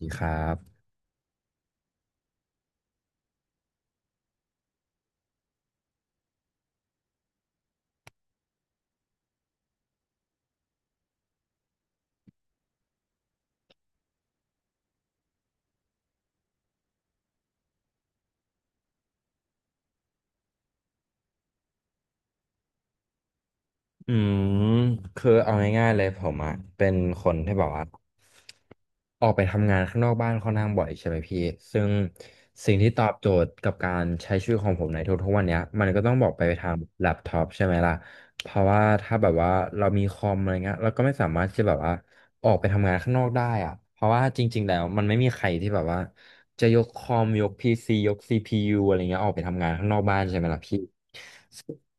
ดีครับอืมคือเอาง่ายๆเลยผมอ่ะเป็นคนที่แบบว่าออกไปทำงานข้างนอกบ้านค่อนข้างบ่อยใช่ไหมพี่ ซึ่งสิ่งที่ตอบโจทย์กับการใช้ชีวิตของผมในทุกๆวันเนี้ยมันก็ต้องบอกไปทางแล็ปท็อปใช่ไหมล่ะเพราะว่าถ้าแบบว่าเรามีคอมอะไรเงี้ยเราก็ไม่สามารถที่จะแบบว่าออกไปทำงานข้างนอกได้อ่ะเพราะว่าจริงๆแล้วมันไม่มีใครที่แบบว่าจะยกคอมยกพีซียกซีพียูอะไรเงี้ยออกไปทำงานข้างนอกบ้านใช่ไหมล่ะพี่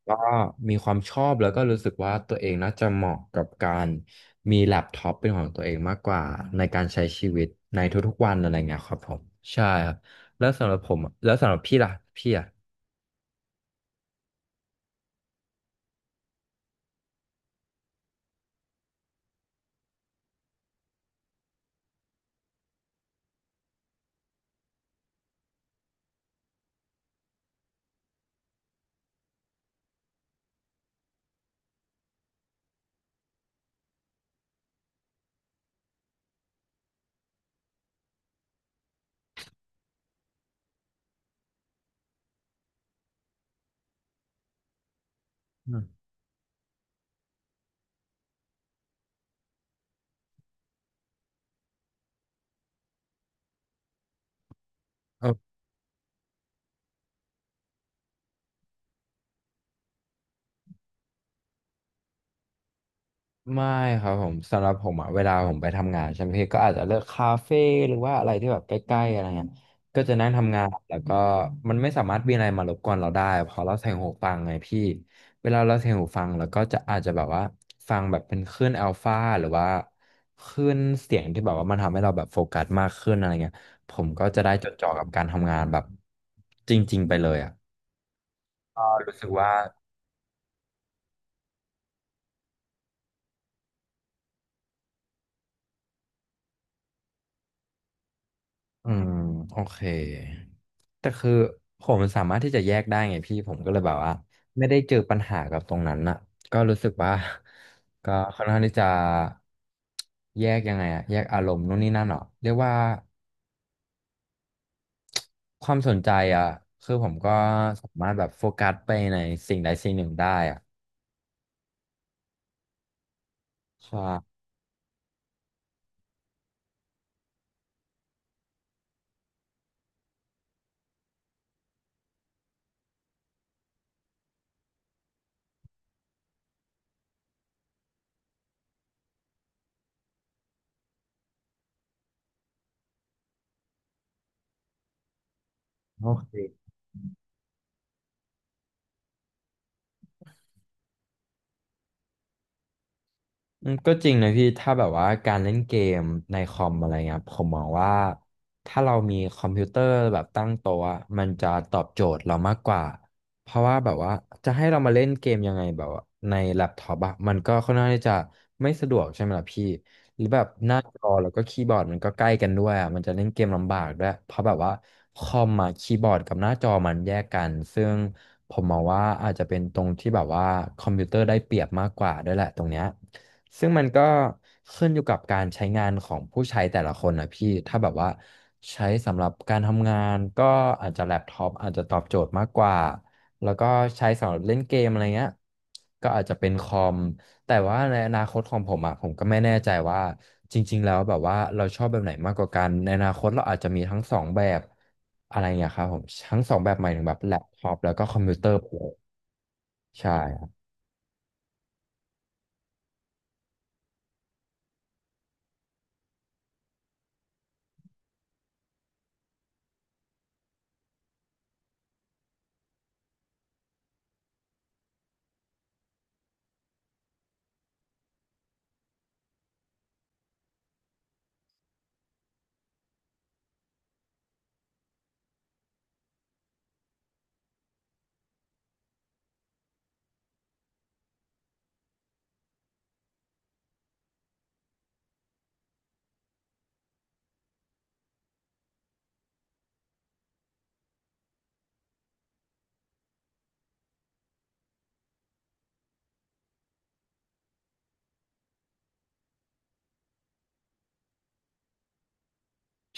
ก็มีความชอบแล้วก็รู้สึกว่าตัวเองน่าจะเหมาะกับการมีแล็ปท็อปเป็นของตัวเองมากกว่าในการใช้ชีวิตในทุกๆวันอะไรเงี้ยครับผมใช่ครับแล้วสำหรับผมอะแล้วสำหรับพี่ล่ะพี่อ่ะอืม ไม่ครับผมสำหรับผมอะเวลาผมไปทำงานใช่ไหมพี่ก็อาจจะเลือกคาเฟ่หรือว่าอะไรที่แบบใกล้ๆอะไรเงี้ยก็จะนั่งทำงานแล้วก็มันไม่สามารถมีอะไรมารบกวนเราได้เพอเราใส่หูฟังไงพี่เวลาเราใส่หูฟังแล้วก็จะอาจจะแบบว่าฟังแบบเป็นคลื่นอัลฟาหรือว่าคลื่นเสียงที่แบบว่ามันทำให้เราแบบโฟกัสมากขึ้นอะไรเงี้ยผมก็จะได้จดจ่อกับการทำงานแบบจริงๆไปเลยอ่ะก็รู้สึกว่า อืมโอเคแต่คือผมสามารถที่จะแยกได้ไงพี่ผมก็เลยแบบว่าไม่ได้เจอปัญหากับตรงนั้นน่ะก็รู้สึกว่า ก็ค่อนข้างที่จะแยกยังไงอะแยกอารมณ์นู่นนี่นั่นเหรอเรียกว่าความสนใจอะคือผมก็สามารถแบบโฟกัสไปในสิ่งใดสิ่งหนึ่งได้อะใช่โอเค ก็จริงนะพี่ถ้าแบบว่าการเล่นเกมในคอมอะไรเงี้ยครับผมมองว่าถ้าเรามีคอมพิวเตอร์แบบตั้งโต๊ะอะมันจะตอบโจทย์เรามากกว่าเพราะว่าแบบว่าจะให้เรามาเล่นเกมยังไงแบบว่าในแล็ปท็อปอะมันก็ค่อนข้างที่จะไม่สะดวกใช่ไหมล่ะพี่หรือแบบหน้าจอแล้วก็คีย์บอร์ดมันก็ใกล้กันด้วยอะมันจะเล่นเกมลำบากด้วยเพราะแบบว่าคอมอะคีย์บอร์ดกับหน้าจอมันแยกกันซึ่งผมมองว่าอาจจะเป็นตรงที่แบบว่าคอมพิวเตอร์ได้เปรียบมากกว่าด้วยแหละตรงเนี้ย ซึ่งมันก็ขึ้นอยู่กับการใช้งานของผู้ใช้แต่ละคนนะพี่ถ้าแบบว่าใช้สำหรับการทำงานก็อาจจะแล็ปท็อปอาจจะตอบโจทย์มากกว่าแล้วก็ใช้สำหรับเล่นเกมอะไรเงี้ยก็อาจจะเป็นคอมแต่ว่าในอนาคตของผมอ่ะผมก็ไม่แน่ใจว่าจริงๆแล้วแบบว่าเราชอบแบบไหนมากกว่ากันในอนาคตเราอาจจะมีทั้งสองแบบอะไรเงี้ยครับผมทั้งสองแบบหมายถึงแบบแล็ปท็อปแล้วก็คอมพิวเตอร์ใช่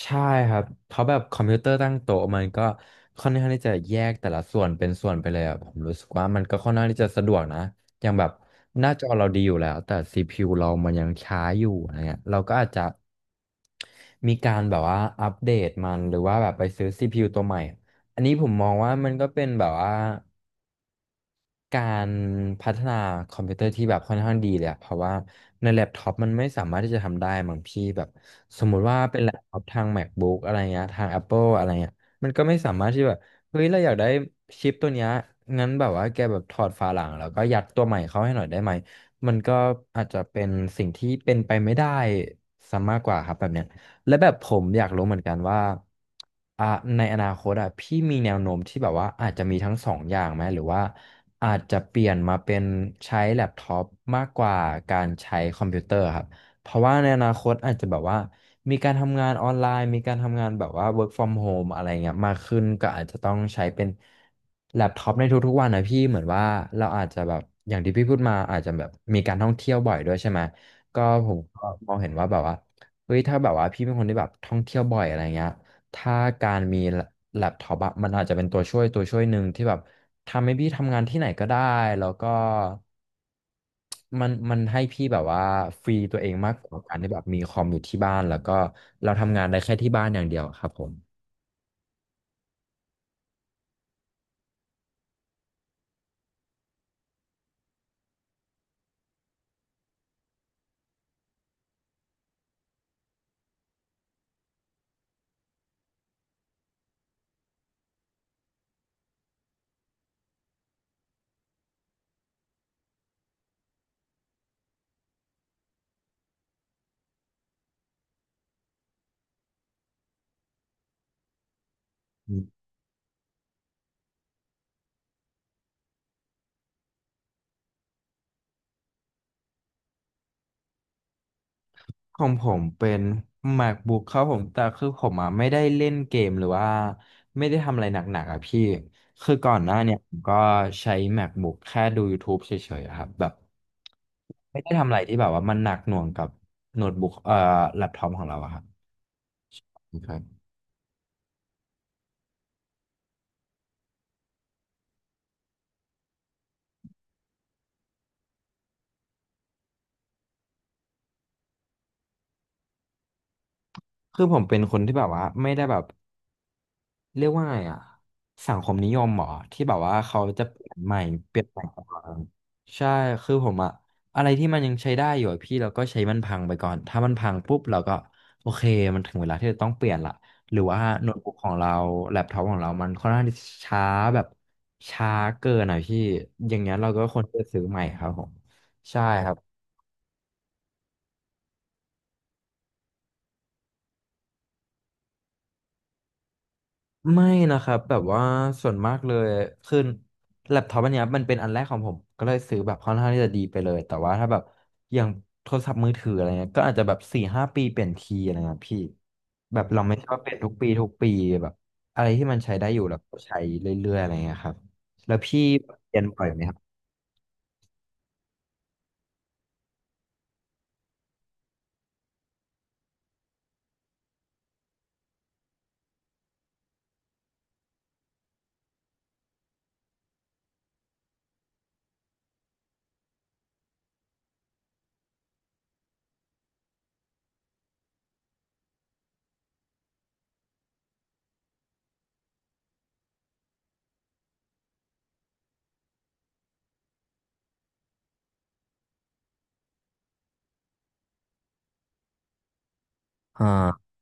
ใช่ครับเพราะแบบคอมพิวเตอร์ตั้งโต๊ะมันก็ค่อนข้างที่จะแยกแต่ละส่วนเป็นส่วนไปเลยอะผมรู้สึกว่ามันก็ค่อนข้างที่จะสะดวกนะอย่างแบบหน้าจอเราดีอยู่แล้วแต่ CPU เรามันยังช้าอยู่อะไรเงี้ยเราก็อาจจะมีการแบบว่าอัปเดตมันหรือว่าแบบไปซื้อ CPU ตัวใหม่อันนี้ผมมองว่ามันก็เป็นแบบว่า การพัฒนาคอมพิวเตอร์ที่แบบค่อนข้างดีเลยอะเพราะว่าในแล็ปท็อปมันไม่สามารถที่จะทำได้มั้งพี่แบบสมมุติว่าเป็นแล็ปท็อปทาง MacBook อะไรเงี้ยทาง Apple อะไรเงี้ยมันก็ไม่สามารถที่แบบเฮ้ยเราอยากได้ชิปตัวเนี้ยงั้นแบบว่าแกแบบถอดฝาหลังแล้วก็ยัดตัวใหม่เข้าให้หน่อยได้ไหมมันก็อาจจะเป็นสิ่งที่เป็นไปไม่ได้ซะมากกว่าครับแบบเนี้ย และแบบผมอยากรู้เหมือนกันว่าอ่ะในอนาคตอ่ะพี่มีแนวโน้มที่แบบว่าอาจจะมีทั้งสองอย่างไหมหรือว่าอาจจะเปลี่ยนมาเป็นใช้แล็ปท็อปมากกว่าการใช้คอมพิวเตอร์ครับเพราะว่าในอนาคตอาจจะแบบว่ามีการทำงานออนไลน์มีการทำงานแบบว่า work from home อะไรเงี้ยมากขึ้นก็อาจจะต้องใช้เป็นแล็ปท็อปในทุกๆวันนะพี่เหมือนว่าเราอาจจะแบบอย่างที่พี่พูดมาอาจจะแบบมีการท่องเที่ยวบ่อยด้วยใช่ไหมก็ผมก็มองเห็นว่าแบบว่า เฮ้ยถ้าแบบว่าพี่เป็นคนที่แบบท่องเที่ยวบ่อยอะไรเงี้ยถ้าการมีแล็ปท็อปอะมันอาจจะเป็นตัวช่วยหนึ่งที่แบบทำให้พี่ทำงานที่ไหนก็ได้แล้วก็มันให้พี่แบบว่าฟรีตัวเองมากกว่าการที่แบบมีคอมอยู่ที่บ้านแล้วก็เราทำงานได้แค่ที่บ้านอย่างเดียวครับผม ของผมเป็น MacBook ครับผมแต่คือผมอ่ะไม่ได้เล่นเกมหรือว่าไม่ได้ทำอะไรหนักๆอ่ะพี่คือก่อนหน้าเนี่ยผมก็ใช้ MacBook แค่ดู YouTube เฉยๆอะครับแบบไม่ได้ทำอะไรที่แบบว่ามันหนักหน่วงกับโน้ตบุ๊กแล็ปท็อปของเราอะครับครับคือผมเป็นคนที่แบบว่าไม่ได้แบบ เรียกว่าไงอ่ะสังคมนิยมเหรอที่แบบว่าเขาจะเปลี่ยนใหม่เปลี่ยนแปลงตลอดใช่คือผมอะอะไรที่มันยังใช้ได้อยู่อะพี่เราก็ใช้มันพังไปก่อนถ้ามันพังปุ๊บเราก็โอเคมันถึงเวลาที่จะต้องเปลี่ยนละหรือว่าโน้ตบุ๊กของเราแล็ปท็อปของเรามันค่อนข้างที่จะช้าแบบช้าเกินอ่ะพี่อย่างเงี้ยเราก็ควรจะซื้อใหม่ครับผมใช่ครับ ไม่นะครับแบบว่าส่วนมากเลยคือแล็ปท็อปอันเนี้ยมันเป็นอันแรกของผมก็เลยซื้อแบบค่อนข้างที่จะดีไปเลยแต่ว่าถ้าแบบอย่างโทรศัพท์มือถืออะไรเงี้ยก็อาจจะแบบสี่ห้าปีเปลี่ยนทีอะไรเงี้ยพี่แบบเราไม่ชอบเปลี่ยนทุกปีทุกปีแบบอะไรที่มันใช้ได้อยู่เราก็ใช้เรื่อยๆอะไรเงี้ยครับแล้วพี่เปลี่ยนบ่อยไหมครับอ่า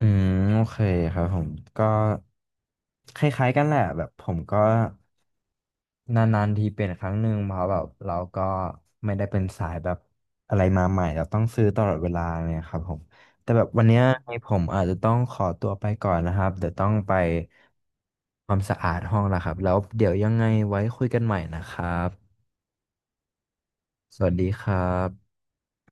อืมโอเคครับผมก็คล้ายๆกันแหละแบบผมก็ นานๆทีเป็นครั้งหนึ่งเพราะแบบเราก็ไม่ได้เป็นสายแบบอะไรมาใหม่เราต้องซื้อตลอดเวลาเนี่ยครับผมแต่แบบวันเนี้ยให้ผมอาจจะต้องขอตัวไปก่อนนะครับเดี๋ยวต้องไปความสะอาดห้องแล้วครับแล้วเดี๋ยวยังไงไว้คุยกันใหม่นะครับสวัสดีครับ